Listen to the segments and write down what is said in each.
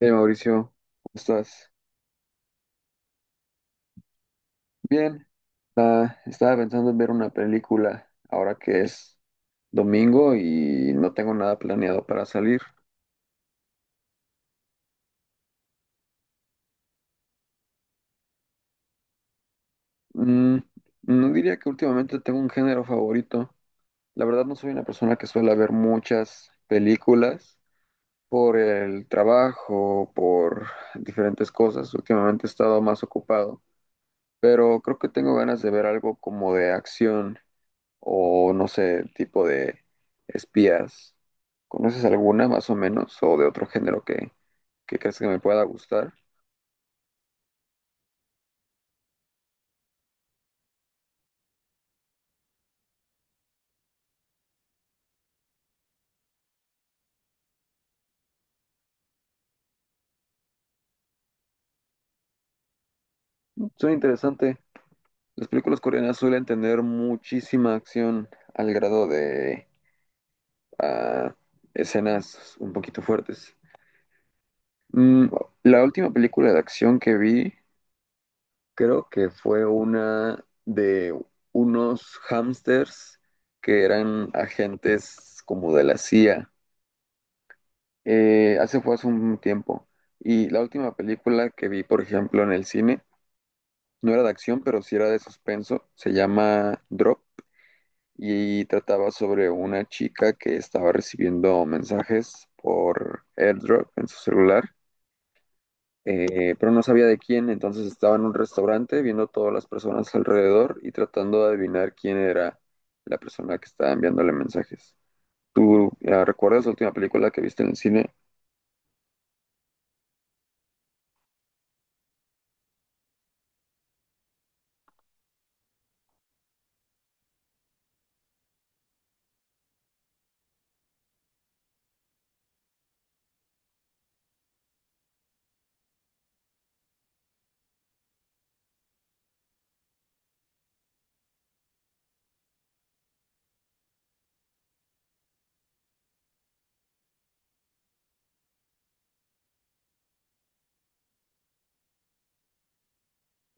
Hey Mauricio, ¿cómo estás? Bien, estaba pensando en ver una película ahora que es domingo y no tengo nada planeado para salir. Mm, no diría que últimamente tengo un género favorito. La verdad no soy una persona que suele ver muchas películas por el trabajo, por diferentes cosas. Últimamente he estado más ocupado, pero creo que tengo ganas de ver algo como de acción, o no sé, tipo de espías. ¿Conoces alguna más o menos o de otro género que crees que me pueda gustar? Suena interesante. Las películas coreanas suelen tener muchísima acción al grado de ah, escenas un poquito fuertes. Mm, la última película de acción que vi creo que fue una de unos hamsters que eran agentes como de la CIA. Hace Fue hace un tiempo. Y la última película que vi, por ejemplo, en el cine, no era de acción, pero sí era de suspenso. Se llama Drop y trataba sobre una chica que estaba recibiendo mensajes por AirDrop en su celular, pero no sabía de quién. Entonces estaba en un restaurante viendo todas las personas alrededor y tratando de adivinar quién era la persona que estaba enviándole mensajes. ¿Tú recuerdas la última película que viste en el cine?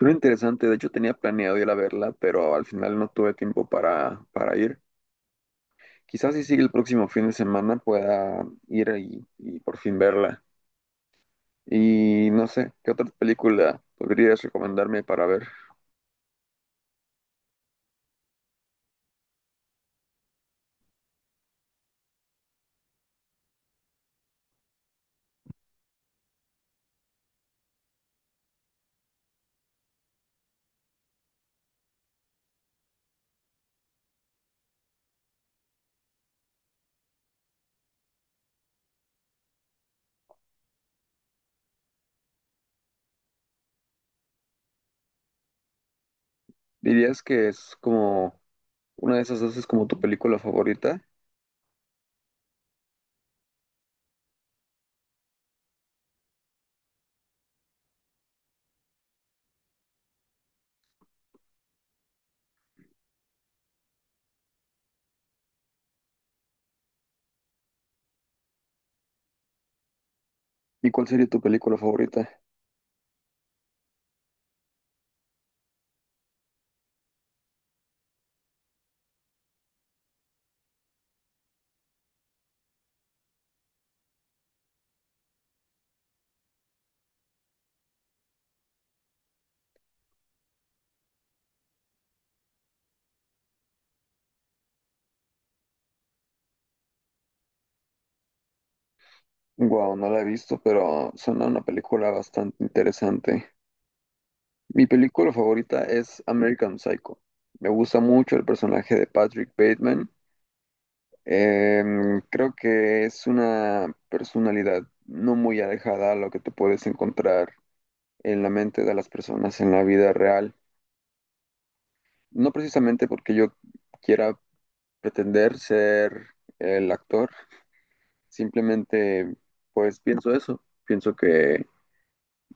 Muy interesante, de hecho tenía planeado ir a verla, pero al final no tuve tiempo para ir. Quizás si sigue el próximo fin de semana pueda ir y por fin verla. Y no sé, ¿qué otra película podrías recomendarme para ver? ¿Dirías que es como una de esas dos es como tu película favorita? ¿Y cuál sería tu película favorita? Wow, no la he visto, pero suena una película bastante interesante. Mi película favorita es American Psycho. Me gusta mucho el personaje de Patrick Bateman. Creo que es una personalidad no muy alejada a lo que te puedes encontrar en la mente de las personas en la vida real. No precisamente porque yo quiera pretender ser el actor, simplemente pues pienso eso, pienso que,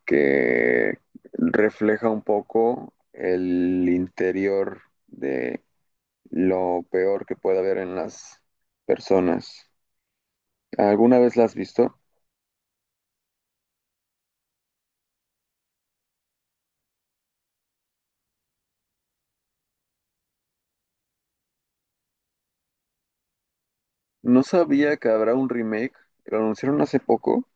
que refleja un poco el interior de lo peor que puede haber en las personas. ¿Alguna vez la has visto? No sabía que habrá un remake. Lo anunciaron hace poco.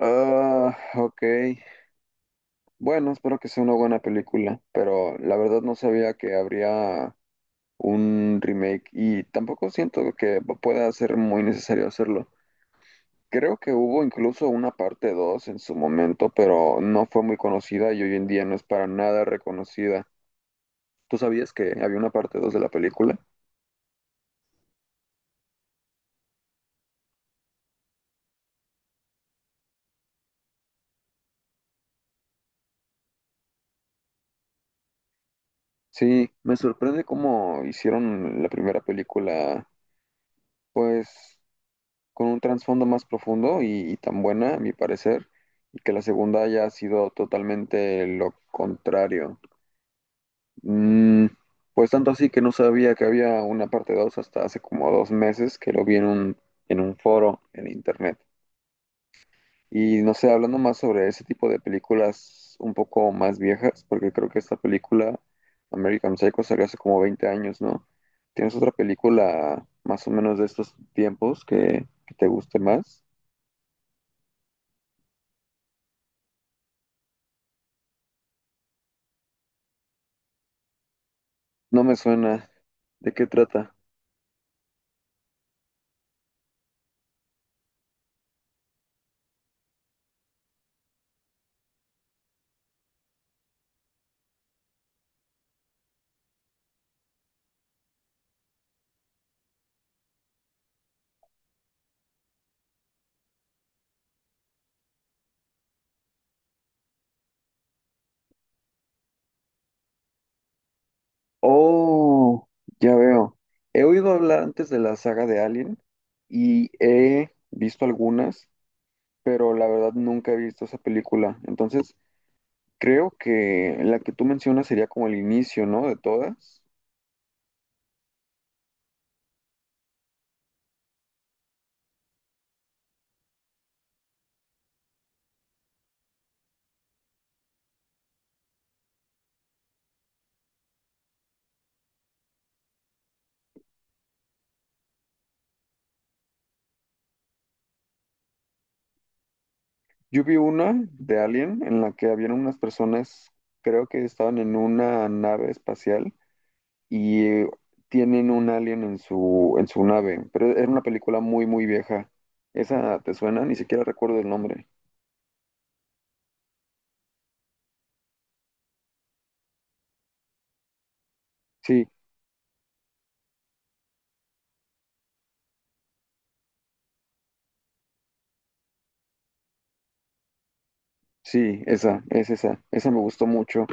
Ah, ok. Bueno, espero que sea una buena película, pero la verdad no sabía que habría un remake y tampoco siento que pueda ser muy necesario hacerlo. Creo que hubo incluso una parte 2 en su momento, pero no fue muy conocida y hoy en día no es para nada reconocida. ¿Tú sabías que había una parte dos de la película? Sí, me sorprende cómo hicieron la primera película, pues con un trasfondo más profundo y tan buena, a mi parecer, y que la segunda haya sido totalmente lo contrario. Mm, pues tanto así que no sabía que había una parte 2 hasta hace como dos meses que lo vi en un foro en internet. Y no sé, hablando más sobre ese tipo de películas un poco más viejas, porque creo que esta película, American Psycho, salió hace como 20 años, ¿no? ¿Tienes otra película más o menos de estos tiempos que te guste más? No me suena. ¿De qué trata? Oh, ya veo. He oído hablar antes de la saga de Alien y he visto algunas, pero la verdad nunca he visto esa película. Entonces, creo que la que tú mencionas sería como el inicio, ¿no? De todas. Yo vi una de Alien en la que habían unas personas, creo que estaban en una nave espacial y tienen un alien en su nave, pero era una película muy, muy vieja. ¿Esa te suena? Ni siquiera recuerdo el nombre. Sí, sí, esa, es esa. Esa me gustó mucho,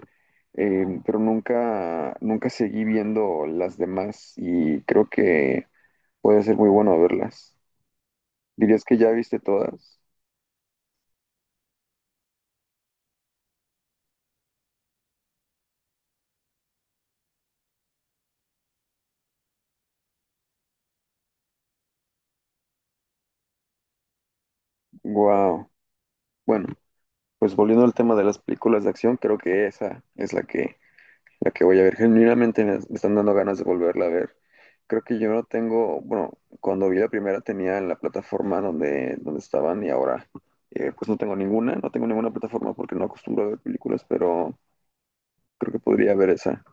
pero nunca, nunca seguí viendo las demás y creo que puede ser muy bueno verlas. ¿Dirías que ya viste todas? Wow. Bueno, pues volviendo al tema de las películas de acción, creo que esa es la que voy a ver. Genuinamente me están dando ganas de volverla a ver. Creo que yo no tengo, bueno, cuando vi la primera tenía la plataforma donde estaban y ahora pues no tengo ninguna, plataforma porque no acostumbro a ver películas, pero creo que podría ver esa.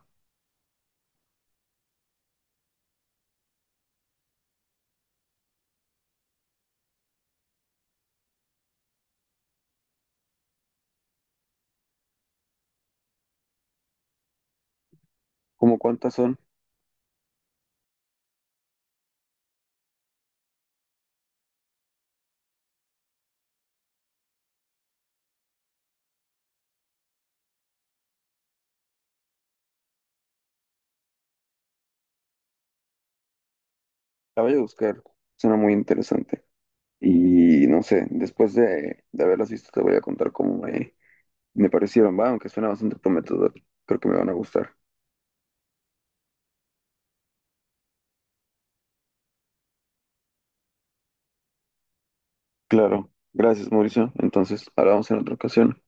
¿Cómo cuántas son? La voy a buscar, suena muy interesante. Y no sé, después de haberlas visto te voy a contar cómo me parecieron, va, aunque suena bastante prometedor, creo que me van a gustar. Claro, gracias Mauricio, entonces hablamos en otra ocasión.